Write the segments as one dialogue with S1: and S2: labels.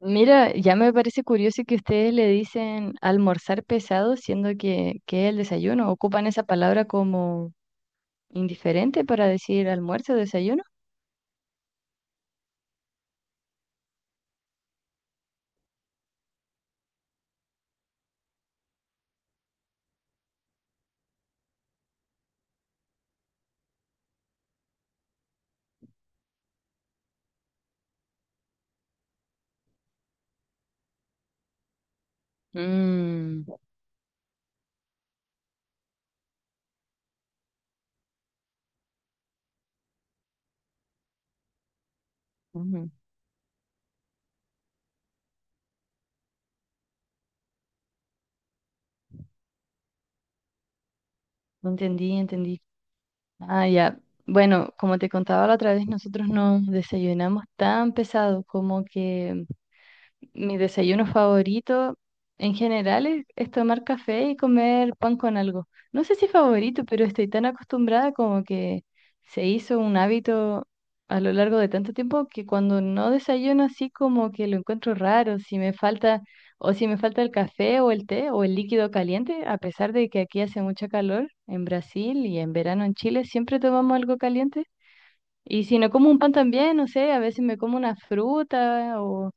S1: Mira, ya me parece curioso que ustedes le dicen almorzar pesado, siendo que es el desayuno. ¿Ocupan esa palabra como indiferente para decir almuerzo o desayuno? Mm. Ujú. Entendí, entendí. Ah, ya. Bueno, como te contaba la otra vez, nosotros no desayunamos tan pesado, como que mi desayuno favorito en general es tomar café y comer pan con algo. No sé si favorito, pero estoy tan acostumbrada como que se hizo un hábito a lo largo de tanto tiempo que cuando no desayuno así como que lo encuentro raro, si me falta o si me falta el café o el té o el líquido caliente, a pesar de que aquí hace mucho calor en Brasil y en verano en Chile, siempre tomamos algo caliente. Y si no como un pan también, no sé, a veces me como una fruta o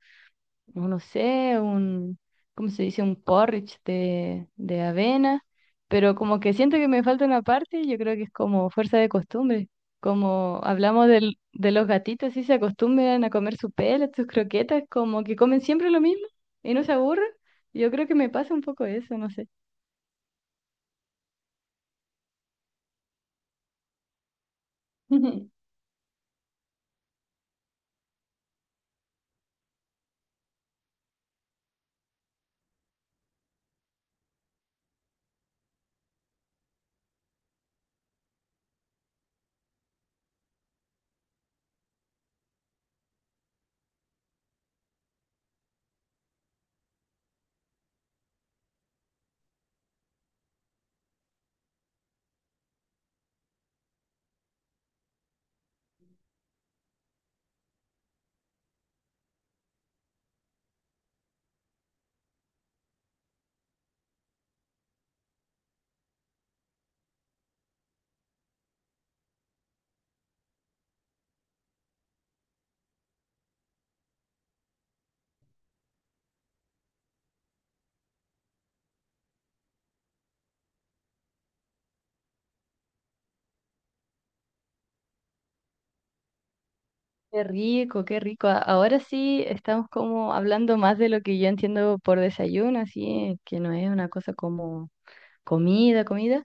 S1: no sé, un, ¿cómo se dice? Un porridge de avena, pero como que siento que me falta una parte, yo creo que es como fuerza de costumbre. Como hablamos de los gatitos, si se acostumbran a comer su pelo, sus croquetas, como que comen siempre lo mismo y no se aburren. Yo creo que me pasa un poco eso, no sé. Qué rico, qué rico. Ahora sí estamos como hablando más de lo que yo entiendo por desayuno, así que no es una cosa como comida, comida.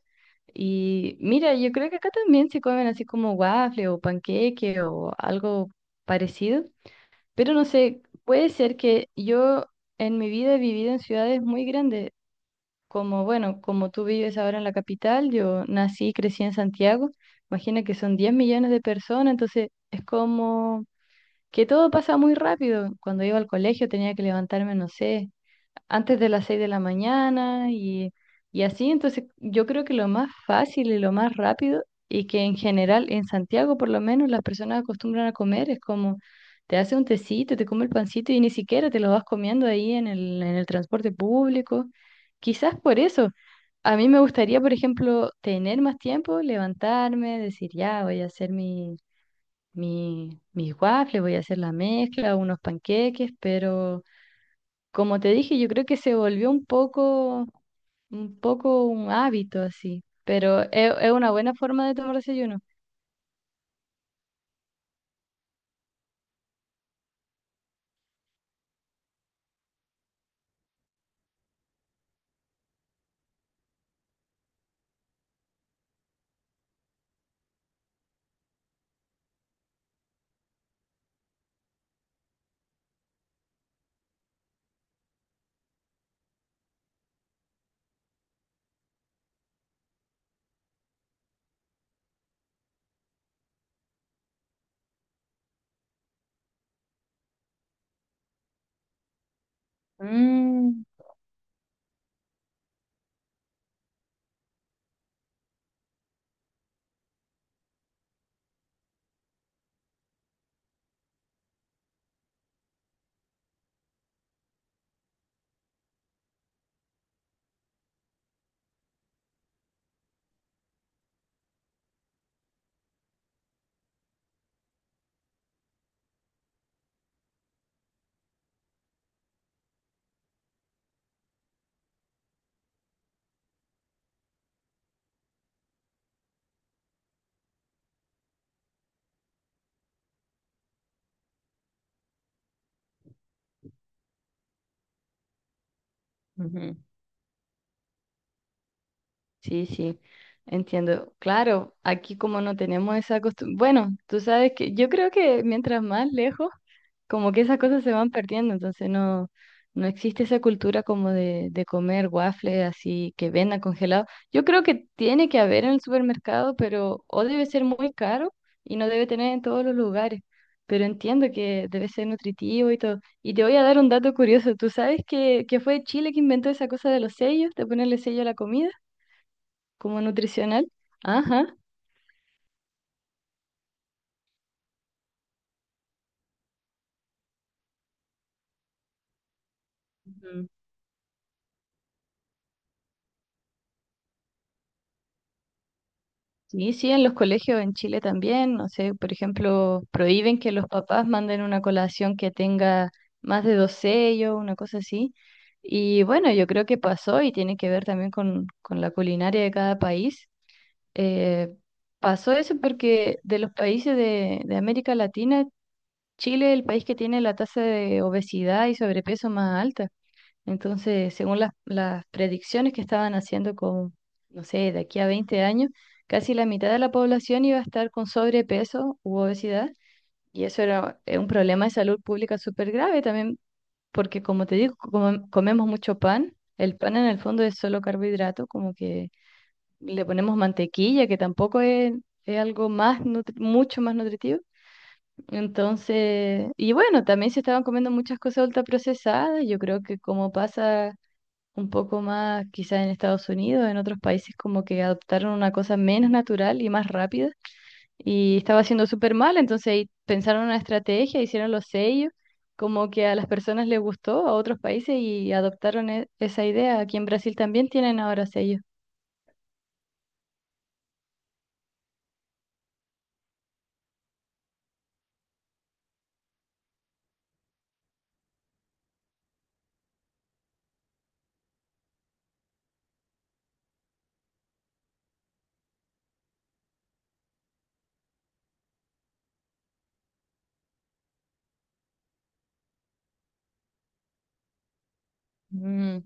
S1: Y mira, yo creo que acá también se comen así como waffle o panqueque o algo parecido, pero no sé, puede ser que yo en mi vida he vivido en ciudades muy grandes, como bueno, como tú vives ahora en la capital, yo nací y crecí en Santiago. Imagina que son 10 millones de personas, entonces es como que todo pasa muy rápido. Cuando iba al colegio tenía que levantarme, no sé, antes de las 6 de la mañana y así. Entonces, yo creo que lo más fácil y lo más rápido y que en general en Santiago por lo menos las personas acostumbran a comer es como, te hace un tecito, te come el pancito y ni siquiera, te lo vas comiendo ahí en el transporte público. Quizás por eso. A mí me gustaría, por ejemplo, tener más tiempo, levantarme, decir, ya, voy a hacer mis waffles, voy a hacer la mezcla, unos panqueques, pero como te dije, yo creo que se volvió un poco un hábito así, pero es una buena forma de tomar desayuno. Mm. Ujú. Sí, sí, entiendo. Claro, aquí como no tenemos esa costumbre, bueno, tú sabes que yo creo que mientras más lejos, como que esas cosas se van perdiendo, entonces no existe esa cultura como de comer waffles así que vendan congelado. Yo creo que tiene que haber en el supermercado, pero o debe ser muy caro y no debe tener en todos los lugares, pero entiendo que debe ser nutritivo y todo. Y te voy a dar un dato curioso. ¿Tú sabes que fue Chile que inventó esa cosa de los sellos, de ponerle sello a la comida, como nutricional? Ajá. Ujú. Sí, sí, en los colegios en Chile también, no sé, por ejemplo, prohíben que los papás manden una colación que tenga más de dos sellos, una cosa así. Y bueno, yo creo que pasó y tiene que ver también con la culinaria de cada país. Eh, pasó eso porque de los países de América Latina, Chile es el país que tiene la tasa de obesidad y sobrepeso más alta. Entonces, según las predicciones que estaban haciendo, con, no sé, de aquí a 20 años, casi la mitad de la población iba a estar con sobrepeso u obesidad, y eso era un problema de salud pública súper grave también, porque como te digo, como comemos mucho pan, el pan en el fondo es solo carbohidrato, como que le ponemos mantequilla, que tampoco es algo más mucho más nutritivo. Entonces, y bueno, también se estaban comiendo muchas cosas ultraprocesadas, yo creo que como pasa un poco más, quizás en Estados Unidos, en otros países como que adoptaron una cosa menos natural y más rápida y estaba haciendo súper mal, entonces ahí pensaron una estrategia, hicieron los sellos, como que a las personas les gustó, a otros países, y adoptaron esa idea. Aquí en Brasil también tienen ahora sellos. Mm.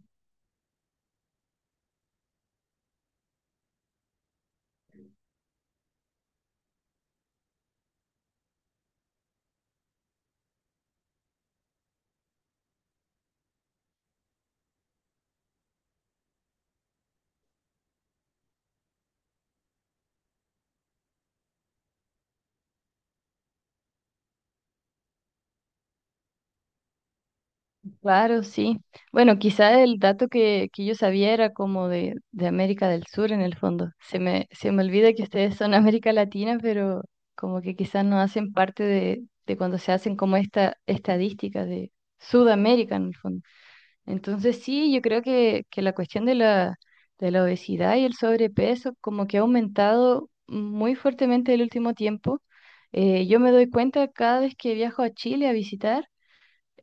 S1: Claro, sí. Bueno, quizá el dato que yo sabía era como de América del Sur en el fondo. Se me olvida que ustedes son América Latina, pero como que quizás no hacen parte de cuando se hacen como esta estadística de Sudamérica en el fondo. Entonces sí, yo creo que la cuestión de la obesidad y el sobrepeso como que ha aumentado muy fuertemente el último tiempo. Yo me doy cuenta cada vez que viajo a Chile a visitar,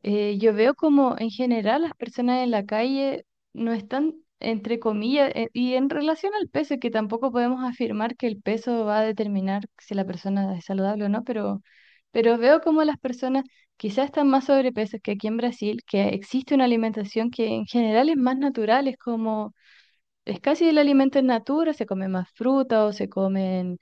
S1: yo veo como en general las personas en la calle no están, entre comillas, y en relación al peso, que tampoco podemos afirmar que el peso va a determinar si la persona es saludable o no, pero, veo como las personas quizás están más sobrepeso que aquí en Brasil, que existe una alimentación que en general es más natural, es como, es casi el alimento en natura, se come más fruta o se comen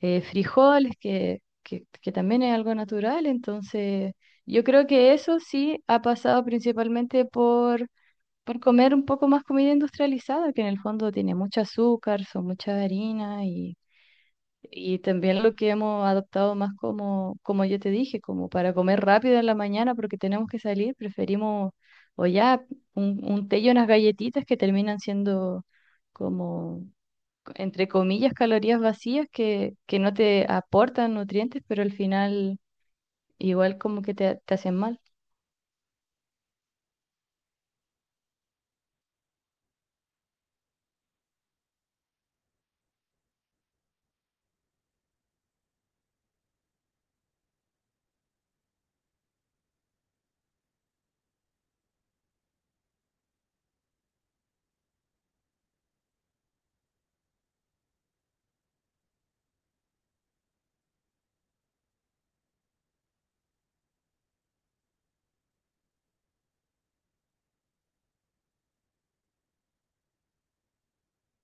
S1: frijoles, que también es algo natural. Entonces, yo creo que eso sí ha pasado principalmente por comer un poco más comida industrializada, que en el fondo tiene mucho azúcar, son mucha harina, y también lo que hemos adoptado más como yo te dije, como para comer rápido en la mañana porque tenemos que salir, preferimos o ya un, té y unas galletitas que terminan siendo como, entre comillas, calorías vacías que no te aportan nutrientes, pero al final igual como que te hacen mal.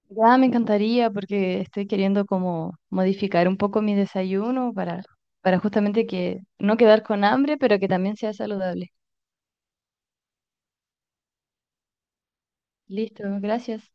S1: Ya me encantaría porque estoy queriendo como modificar un poco mi desayuno para justamente que no quedar con hambre, pero que también sea saludable. Listo, gracias.